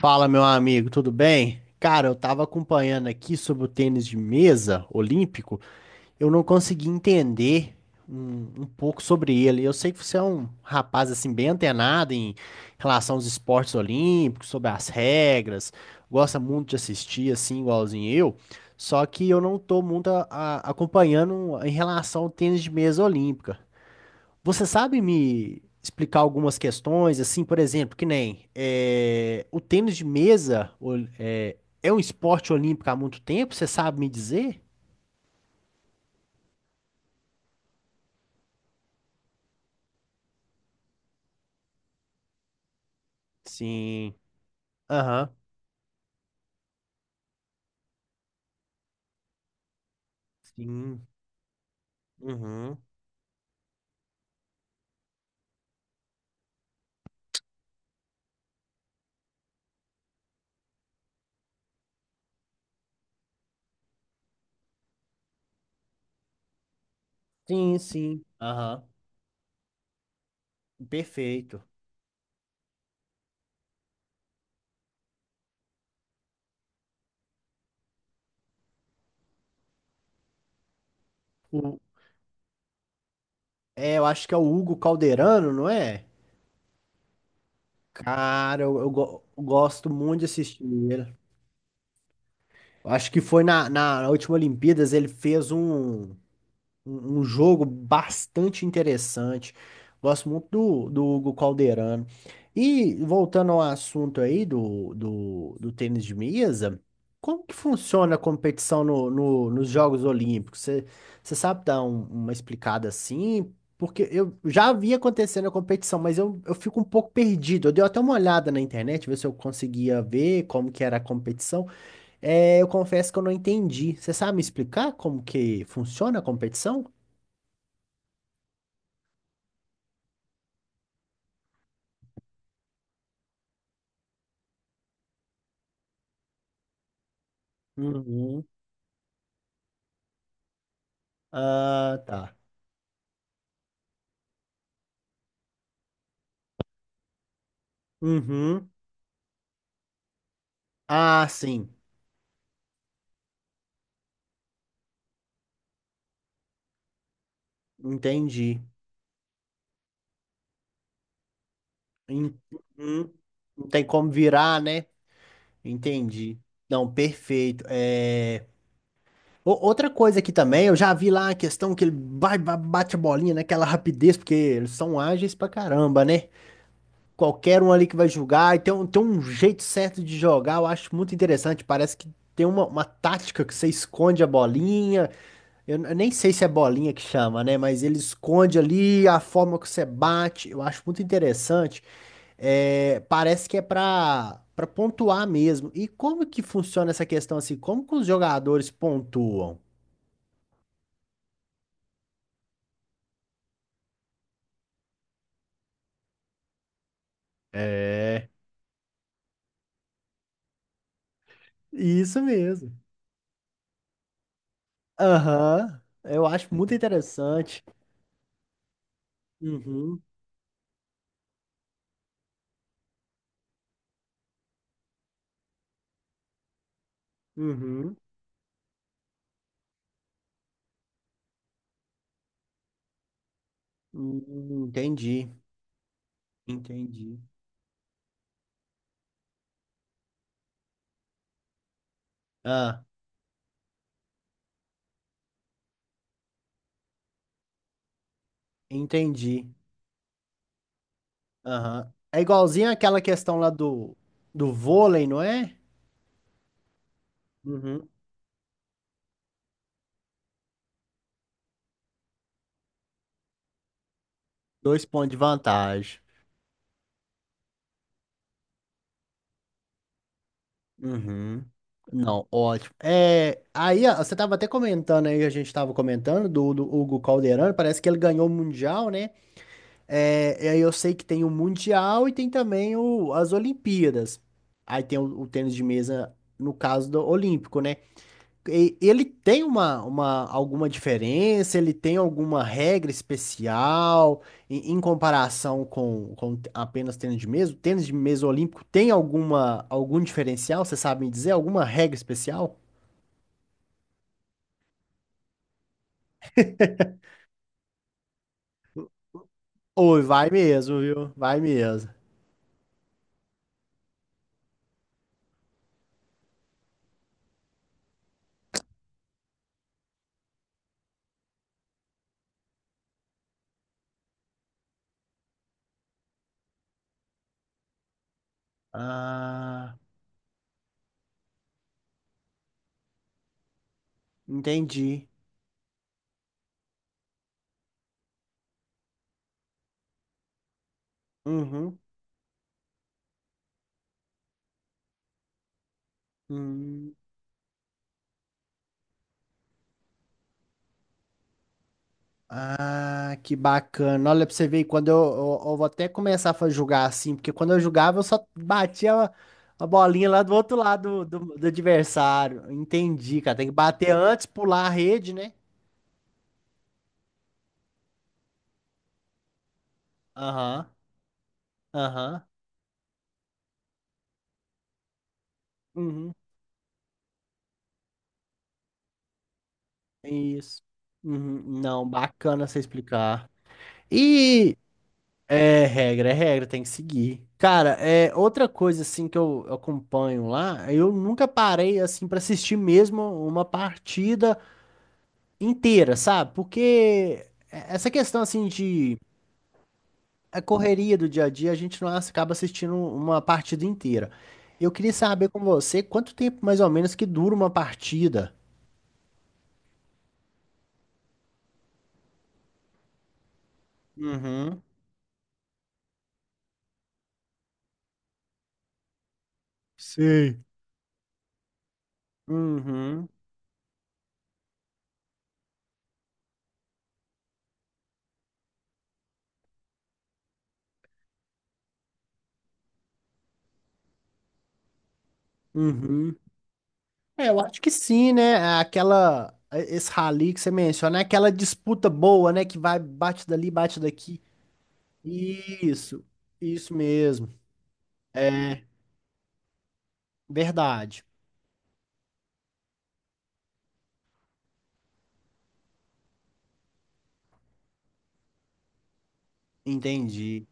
Fala, meu amigo, tudo bem? Cara, eu tava acompanhando aqui sobre o tênis de mesa olímpico, eu não consegui entender um pouco sobre ele. Eu sei que você é um rapaz assim bem antenado em relação aos esportes olímpicos, sobre as regras, gosta muito de assistir assim, igualzinho eu. Só que eu não tô muito acompanhando em relação ao tênis de mesa olímpica. Você sabe me explicar algumas questões, assim, por exemplo, que nem o tênis de mesa um esporte olímpico há muito tempo? Você sabe me dizer? Sim. Aham. Sim. Uhum. Sim, sim. Aham. Perfeito. O, eu acho que é o Hugo Calderano, não é? Cara, eu gosto muito de assistir ele. Eu acho que foi na última Olimpíadas, ele fez um jogo bastante interessante. Gosto muito do Hugo Calderano. E voltando ao assunto aí do tênis de mesa, como que funciona a competição nos Jogos Olímpicos? Você sabe dar uma explicada assim? Porque eu já vi acontecendo a competição, mas eu fico um pouco perdido. Eu dei até uma olhada na internet, ver se eu conseguia ver como que era a competição. É, eu confesso que eu não entendi. Você sabe me explicar como que funciona a competição? Uhum. Ah, tá. Uhum. Ah, sim. Entendi. En- Uhum. Não tem como virar, né? Entendi. Não, perfeito. Outra coisa aqui também, eu já vi lá a questão que ele bate a bolinha naquela rapidez, porque eles são ágeis pra caramba, né? Qualquer um ali que vai jogar, e tem um jeito certo de jogar, eu acho muito interessante. Parece que tem uma tática que você esconde a bolinha. Eu nem sei se é bolinha que chama, né? Mas ele esconde ali a forma que você bate. Eu acho muito interessante. É, parece que é pra pontuar mesmo. E como que funciona essa questão assim? Como que os jogadores pontuam? É. Isso mesmo. Aham. Eu acho muito interessante. Uhum. Uhum. Entendi. Entendi. Ah, entendi. Aham. É igualzinho aquela questão lá do vôlei, não é? Uhum. Dois pontos de vantagem. Uhum. Não, ótimo. É, aí ó, você estava até comentando aí, a gente estava comentando do Hugo Calderano, parece que ele ganhou o Mundial, né? É, e aí eu sei que tem o Mundial e tem também as Olimpíadas. Aí tem o tênis de mesa, no caso do Olímpico, né? Ele tem uma alguma diferença? Ele tem alguma regra especial em comparação com apenas tênis de mesa? O tênis de mesa olímpico tem alguma algum diferencial? Você sabe me dizer alguma regra especial? Oi, vai mesmo, viu? Vai mesmo. Ah, entendi. Uhum. Hum. Ah, que bacana. Olha pra você ver, quando eu vou até começar a jogar assim, porque quando eu jogava eu só batia a bolinha lá do outro lado do adversário. Entendi, cara. Tem que bater antes, pular a rede, né? Aham, aham. Uhum, isso. Uhum, não, bacana você explicar. E é regra, tem que seguir. Cara, é outra coisa assim que eu acompanho lá, eu nunca parei assim pra assistir mesmo uma partida inteira, sabe? Porque é, essa questão assim de a correria do dia a dia, a gente não acaba assistindo uma partida inteira. Eu queria saber com você quanto tempo mais ou menos que dura uma partida. Uhum. Sei. Uhum, uhum. É, eu acho que sim, né? É aquela, é, esse rally que você menciona, é aquela disputa boa, né? Que vai, bate dali, bate daqui. Isso, isso mesmo. É verdade. Entendi.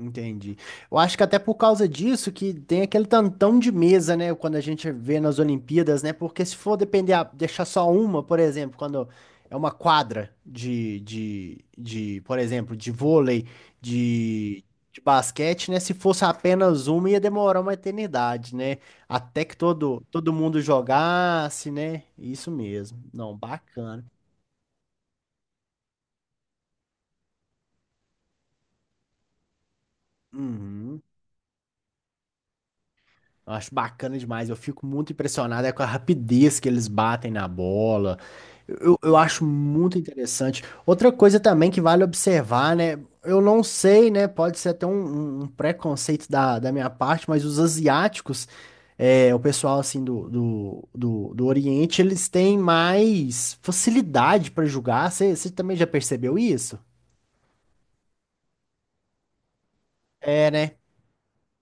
Entendi. Eu acho que até por causa disso que tem aquele tantão de mesa, né? Quando a gente vê nas Olimpíadas, né? Porque se for depender, deixar só uma, por exemplo, quando é uma quadra por exemplo, de vôlei, de, de basquete, né? Se fosse apenas uma, ia demorar uma eternidade, né? Até que todo mundo jogasse, né? Isso mesmo. Não, bacana. Uhum. Eu acho bacana demais. Eu fico muito impressionado é com a rapidez que eles batem na bola. Eu acho muito interessante. Outra coisa também que vale observar, né? Eu não sei, né? Pode ser até um preconceito da minha parte, mas os asiáticos, é, o pessoal assim do Oriente, eles têm mais facilidade para julgar. Você também já percebeu isso? É, né?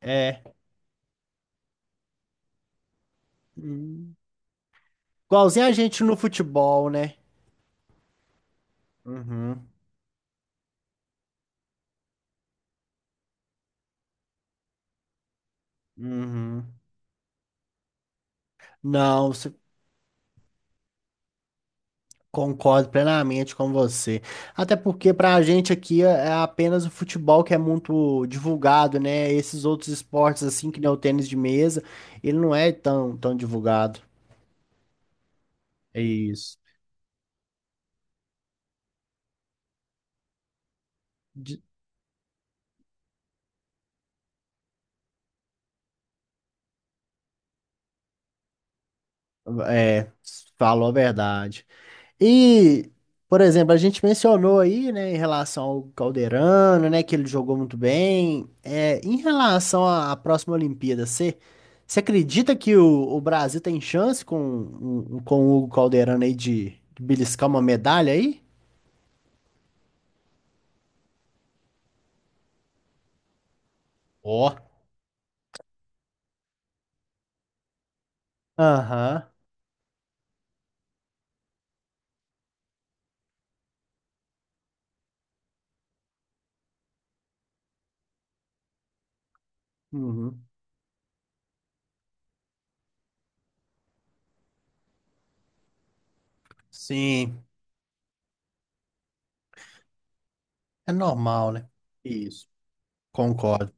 É. Hum. Igualzinho a gente no futebol, né? Uhum. Uhum. Não, concordo plenamente com você. Até porque para a gente aqui é é apenas o futebol que é muito divulgado, né? Esses outros esportes, assim, que nem o tênis de mesa, ele não é tão, tão divulgado. É isso. De- É, falou a verdade. E, por exemplo, a gente mencionou aí, né, em relação ao Calderano, né, que ele jogou muito bem. É, em relação à próxima Olimpíada, você acredita que o Brasil tem chance com, com o Hugo Calderano aí de beliscar uma medalha aí? Ó, aham. Uhum. Sim, é normal, né? Isso. Concordo.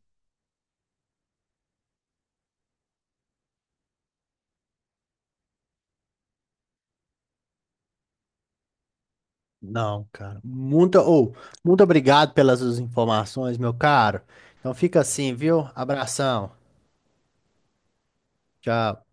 Não, cara. Muito obrigado pelas suas informações, meu caro. Então fica assim, viu? Abração. Tchau.